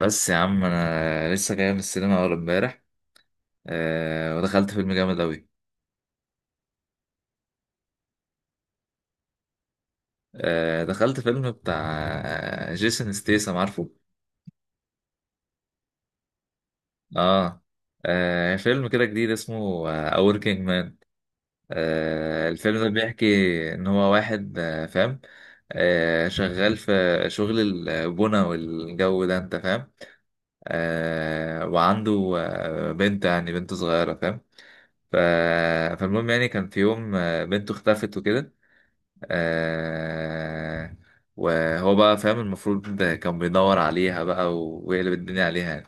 بس يا عم انا لسه جاي من السينما اول امبارح. ودخلت فيلم جامد اوي. دخلت فيلم بتاع جيسون ستيسم، عارفه؟ اه. فيلم كده جديد اسمه A Working Man. الفيلم ده بيحكي ان هو واحد فاهم، شغال في شغل البنا والجو ده، انت فاهم؟ وعنده بنت، يعني بنت صغيرة فاهم. ف- فالمهم يعني كان في يوم بنته اختفت وكده. آه وهو بقى فاهم المفروض ده كان بيدور عليها بقى ويقلب الدنيا عليها يعني.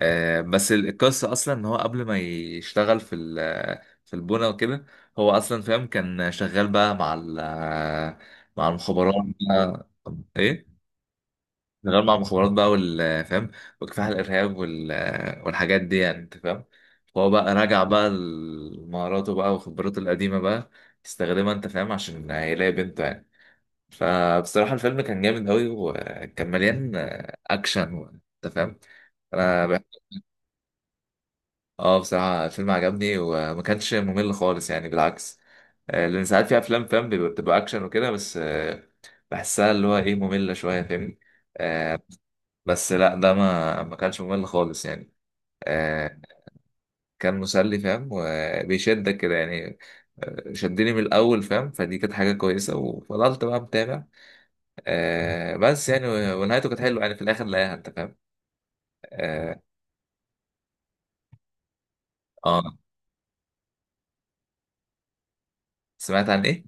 بس القصة أصلا إن هو قبل ما يشتغل في ال في البنا وكده، هو أصلا فاهم كان شغال بقى مع مع المخابرات بقى. إيه؟ شغال مع المخابرات بقى وال فاهم، وكفاح الإرهاب والحاجات دي، يعني أنت فاهم؟ فهو بقى راجع بقى لمهاراته بقى وخبراته القديمة بقى يستخدمها، أنت فاهم، عشان يلاقي بنته يعني. فبصراحة الفيلم كان جامد أوي وكان مليان أكشن أنت فاهم؟ أنا بح- آه بصراحة الفيلم عجبني وما كانش ممل خالص يعني، بالعكس. لأن ساعات في أفلام فاهم بتبقى أكشن وكده، بس بحسها اللي هو إيه، مملة شوية، فاهمني؟ آه، بس لأ، ده ما كانش ممل خالص يعني. آه، كان مسلي فاهم وبيشدك كده يعني. شدني من الأول فاهم، فدي كانت حاجة كويسة وفضلت بقى متابع. بس يعني ونهايته كانت حلوة يعني، في الآخر لاقيها، أنت فاهم؟ اه. آه. سمعت عن ايه؟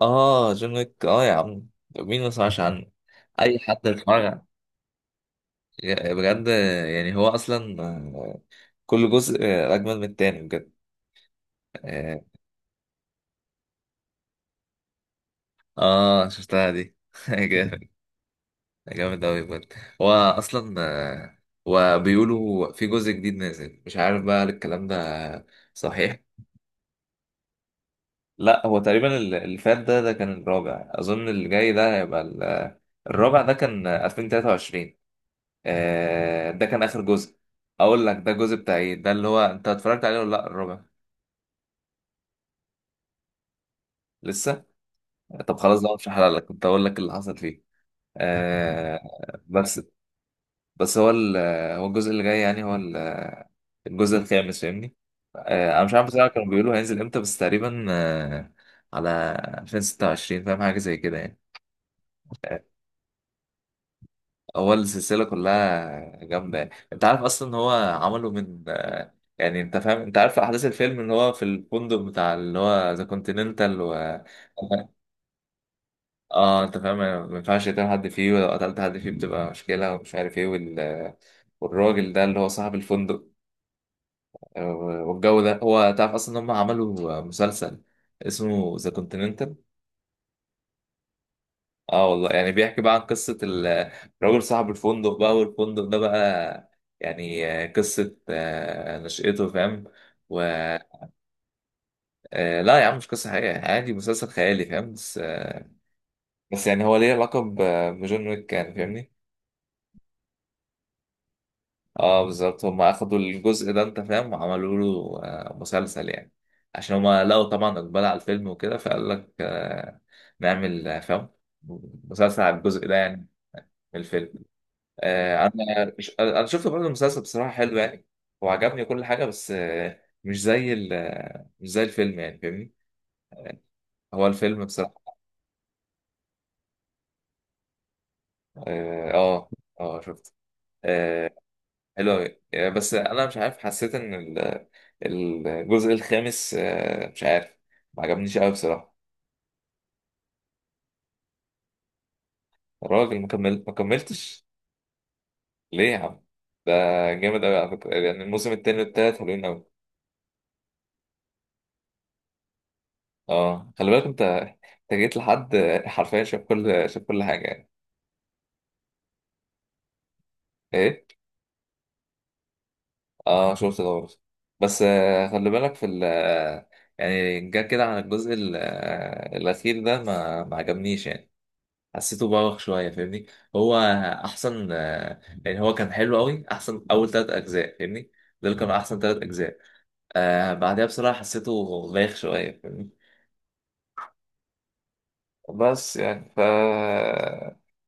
اه جون ويك، اه يا عم، مين ما سمعش عنه؟ اي حد اتفرج عنه. بجد يعني هو اصلا كل جزء اجمل من التاني بجد. اه. شفتها دي جامد. جامد اوي بجد. هو اصلا وبيقولوا في جزء جديد نازل، مش عارف بقى هل الكلام ده صحيح. لا، هو تقريبا اللي فات ده كان الرابع اظن، اللي جاي ده هيبقى الرابع. ده كان 2023، ده كان اخر جزء. اقول لك، ده الجزء بتاع ايه ده اللي هو انت اتفرجت عليه ولا لا الربع؟ لسه. طب خلاص بقى، مش هحرق لك، كنت اقول لك اللي حصل فيه. بس. بس هو هو الجزء اللي جاي يعني، هو الجزء الخامس فاهمني. انا مش عارف بصراحه، كانوا بيقولوا هينزل امتى، بس تقريبا على 2026 فاهم، حاجه زي كده يعني. هو السلسلة كلها جامدة، انت عارف اصلا ان هو عمله من يعني انت فاهم، انت عارف احداث الفيلم ان هو في الفندق بتاع اللي هو ذا كونتيننتال و اه انت فاهم، ما ينفعش يقتل حد فيه، ولو قتلت حد فيه بتبقى مشكلة ومش عارف ايه وال... والراجل ده اللي هو صاحب الفندق آه، والجو ده، هو تعرف اصلا ان هم عملوا مسلسل اسمه ذا كونتيننتال؟ اه والله، يعني بيحكي بقى عن قصة الراجل صاحب الفندق بقى، والفندق ده بقى يعني قصة نشأته فاهم. و لا يا عم، مش قصة حقيقية، عادي مسلسل خيالي فاهم، بس بس يعني هو ليه علاقة بجون ويك يعني، فاهمني. اه بالظبط، هما أخدوا الجزء ده أنت فاهم، وعملوا له مسلسل يعني، عشان هما لقوا طبعا إقبال على الفيلم وكده، فقال لك نعمل فاهم، مسلسل على الجزء ده يعني، من الفيلم. آه، انا انا شفت برضه المسلسل بصراحه، حلو يعني وعجبني كل حاجه، بس مش زي مش زي الفيلم يعني، فاهمني. هو الفيلم بصراحه اه. اه شفت. آه، حلو أوي. بس انا مش عارف، حسيت ان الجزء الخامس مش عارف، ما عجبنيش قوي بصراحه. الراجل ما كمل؟ ما كملتش. ليه يا عم؟ ده جامد قوي على فكره، يعني الموسم التاني والتالت حلوين قوي. اه خلي بالك، انت جيت لحد، حرفيا شاف كل، شاف كل حاجه يعني. ايه. اه شفت ده برضه، بس خلي بالك في ال آه، يعني جا كده، عن الجزء الأخير ده ما عجبنيش يعني، حسيته بوخ شوية فاهمني. هو أحسن يعني هو كان حلو أوي، أحسن أول تلات أجزاء فاهمني، دول كانوا أحسن تلات أجزاء. بعدها بصراحة حسيته بايخ شوية فاهمني. بس يعني ف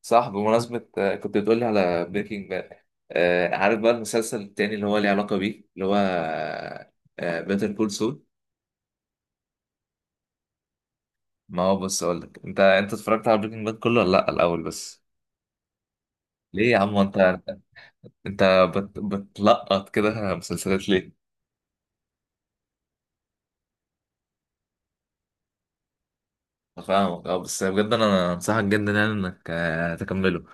صح، بمناسبة كنت بتقولي على بريكنج باد. عارف بقى المسلسل التاني اللي هو ليه علاقة بيه، اللي هو بيتر كول سول. ما هو بص، اقول لك، انت اتفرجت على بريكنج باد كله ولا لا الاول بس؟ ليه يا عم؟ انت أنت بتلقط كده مسلسلات ليه؟ فاهمك. اه بس بجد انا انصحك جدا يعني انك تكمله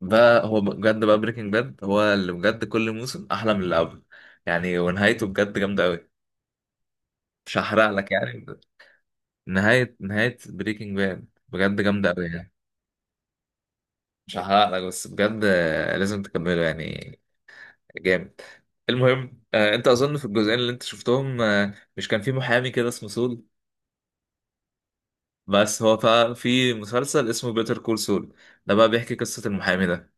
بقى. هو بجد بقى، بريكنج باد هو اللي بجد كل موسم احلى من اللي قبله يعني، ونهايته بجد جامده قوي، مش هحرق لك يعني. نهايه، نهايه بريكنج باد بجد جامده قوي يعني، مش هحرق لك، بس بجد لازم تكمله يعني، جامد. المهم انت اظن في الجزئين اللي انت شفتهم مش كان في محامي كده اسمه سول؟ بس في مسلسل اسمه بيتر كول سول، ده بقى بيحكي قصة المحامي ده.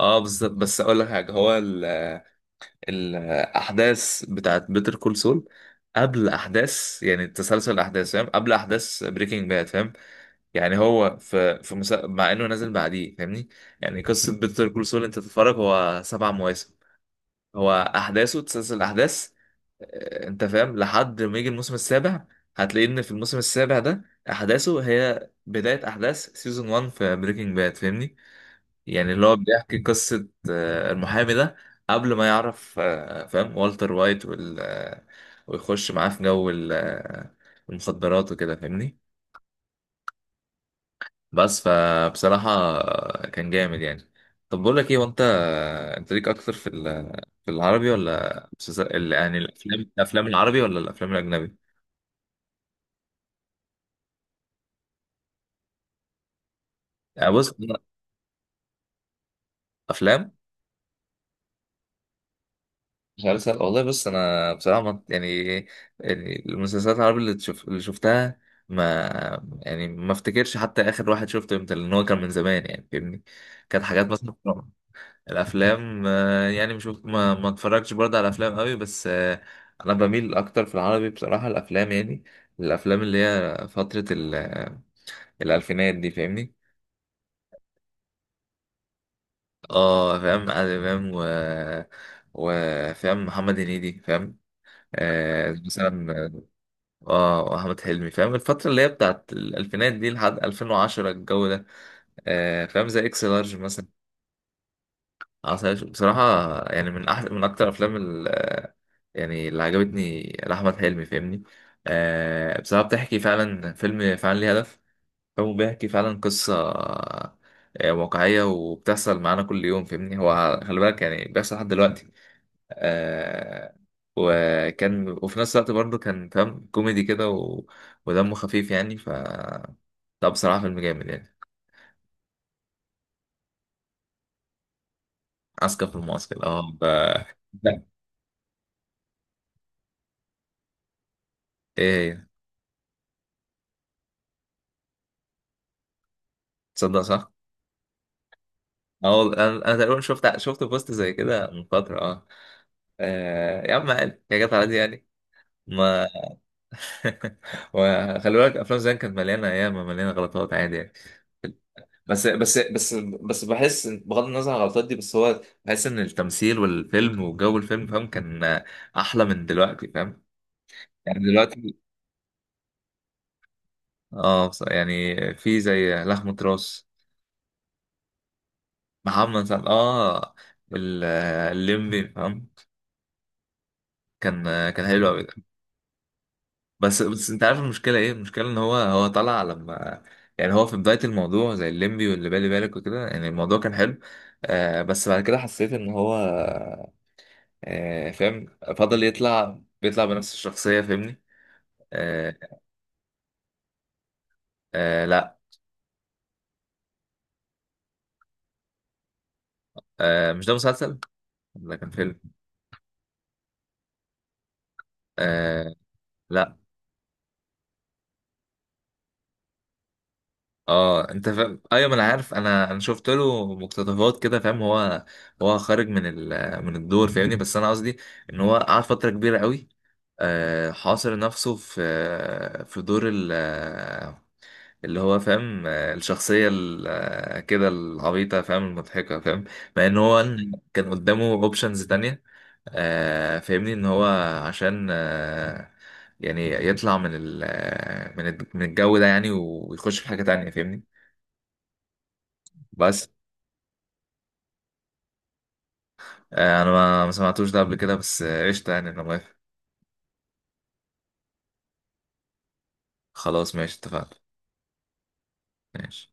اه بالظبط، بس اقول لك حاجة، هو الاحداث بتاعت بيتر كول سول قبل احداث، يعني تسلسل الاحداث فاهم، قبل احداث بريكنج باد فاهم. يعني هو في مسا... مع انه نازل بعديه فاهمني. يعني قصة بيتر كول سول، انت تتفرج هو سبع مواسم، هو احداثه تسلسل الاحداث، انت فاهم لحد ما يجي الموسم السابع، هتلاقي ان في الموسم السابع ده احداثه هي بداية احداث سيزون 1 في بريكنج باد فاهمني. يعني اللي هو بيحكي قصة المحامي ده قبل ما يعرف فاهم والتر وايت وال آه، ويخش معاه في جو المخدرات وكده فاهمني. بس، فبصراحة كان جامد يعني. طب بقول لك ايه، وانت، انت ليك اكتر في في العربي ولا يعني الافلام، الافلام العربي ولا الافلام الاجنبي؟ يعني بص أنا، افلام، مسلسل، والله بص، انا بصراحة يعني، يعني المسلسلات العربي اللي تشوف اللي شفتها، ما، يعني ما افتكرش حتى اخر واحد شفته امتى، لان هو كان من زمان يعني فاهمني، كانت حاجات مثلا. الافلام يعني مش ما اتفرجش برضه على افلام قوي، بس انا بميل اكتر في العربي بصراحه، الافلام يعني، الافلام اللي هي فتره الالفينات دي فاهمني. اه فاهم عادل امام، وفاهم محمد هنيدي فاهم، مثلا. اه احمد حلمي فاهم، الفتره اللي هي بتاعت الالفينات دي لحد 2010، الجو ده فاهم زي اكس لارج مثلا. عسل أسود بصراحة، يعني من أحسن، من أكتر أفلام ال، يعني اللي عجبتني لأحمد حلمي فاهمني. بصراحة بتحكي فعلا، فيلم فعلا ليه هدف، فيلم بيحكي فعلا قصة واقعية وبتحصل معانا كل يوم فاهمني، هو خلي بالك يعني بيحصل لحد دلوقتي. آه وكان، وفي نفس الوقت برضه كان فاهم كوميدي كده و... ودمه خفيف يعني ف، لا بصراحة فيلم جامد يعني. عسكر في المعسكر اه ف... لا. ايه هي؟ تصدق صح؟ اه والله انا، أنا تقريبا شفت، شفت بوست زي كده من فتره اه. يا عم عادي، يا جت عادي يعني، ما وخلي بالك افلام زمان كانت مليانه ايام، مليانه غلطات عادي يعني. بس بس بس بس بحس بغض النظر عن الغلطات دي، بس هو بحس ان التمثيل والفيلم وجو الفيلم فاهم كان احلى من دلوقتي فاهم، يعني دلوقتي اه يعني في زي لحمة راس. محمد سعد اه الليمبي فاهم، كان كان حلو قوي. بس انت عارف المشكله ايه؟ المشكله ان هو، طلع لما، يعني هو في بدايه الموضوع زي الليمبي واللي بالي بالك وكده يعني، الموضوع كان حلو. بس بعد كده حسيت ان هو فاهم، فضل يطلع، بيطلع بنفس الشخصيه فاهمني. آه. آه لا. آه مش ده مسلسل، ده كان فيلم. آه. لا. اه انت فاهم، ايوه ما انا عارف، انا شفت له مقتطفات كده فاهم، هو، هو خارج من ال... من الدور فاهمني، بس انا قصدي ان هو قعد فتره كبيره قوي حاصر نفسه في في دور اللي هو فاهم الشخصية كده العبيطة فاهم، المضحكة فاهم، مع ان هو كان قدامه اوبشنز تانية فاهمني ان هو، عشان يعني يطلع من ال آه، من من الجو ده يعني، ويخش في حاجة تانية فاهمني. بس انا ما سمعتوش ده قبل كده، بس قشطة يعني، انا موافق. خلاص ماشي، اتفقنا. ماشي.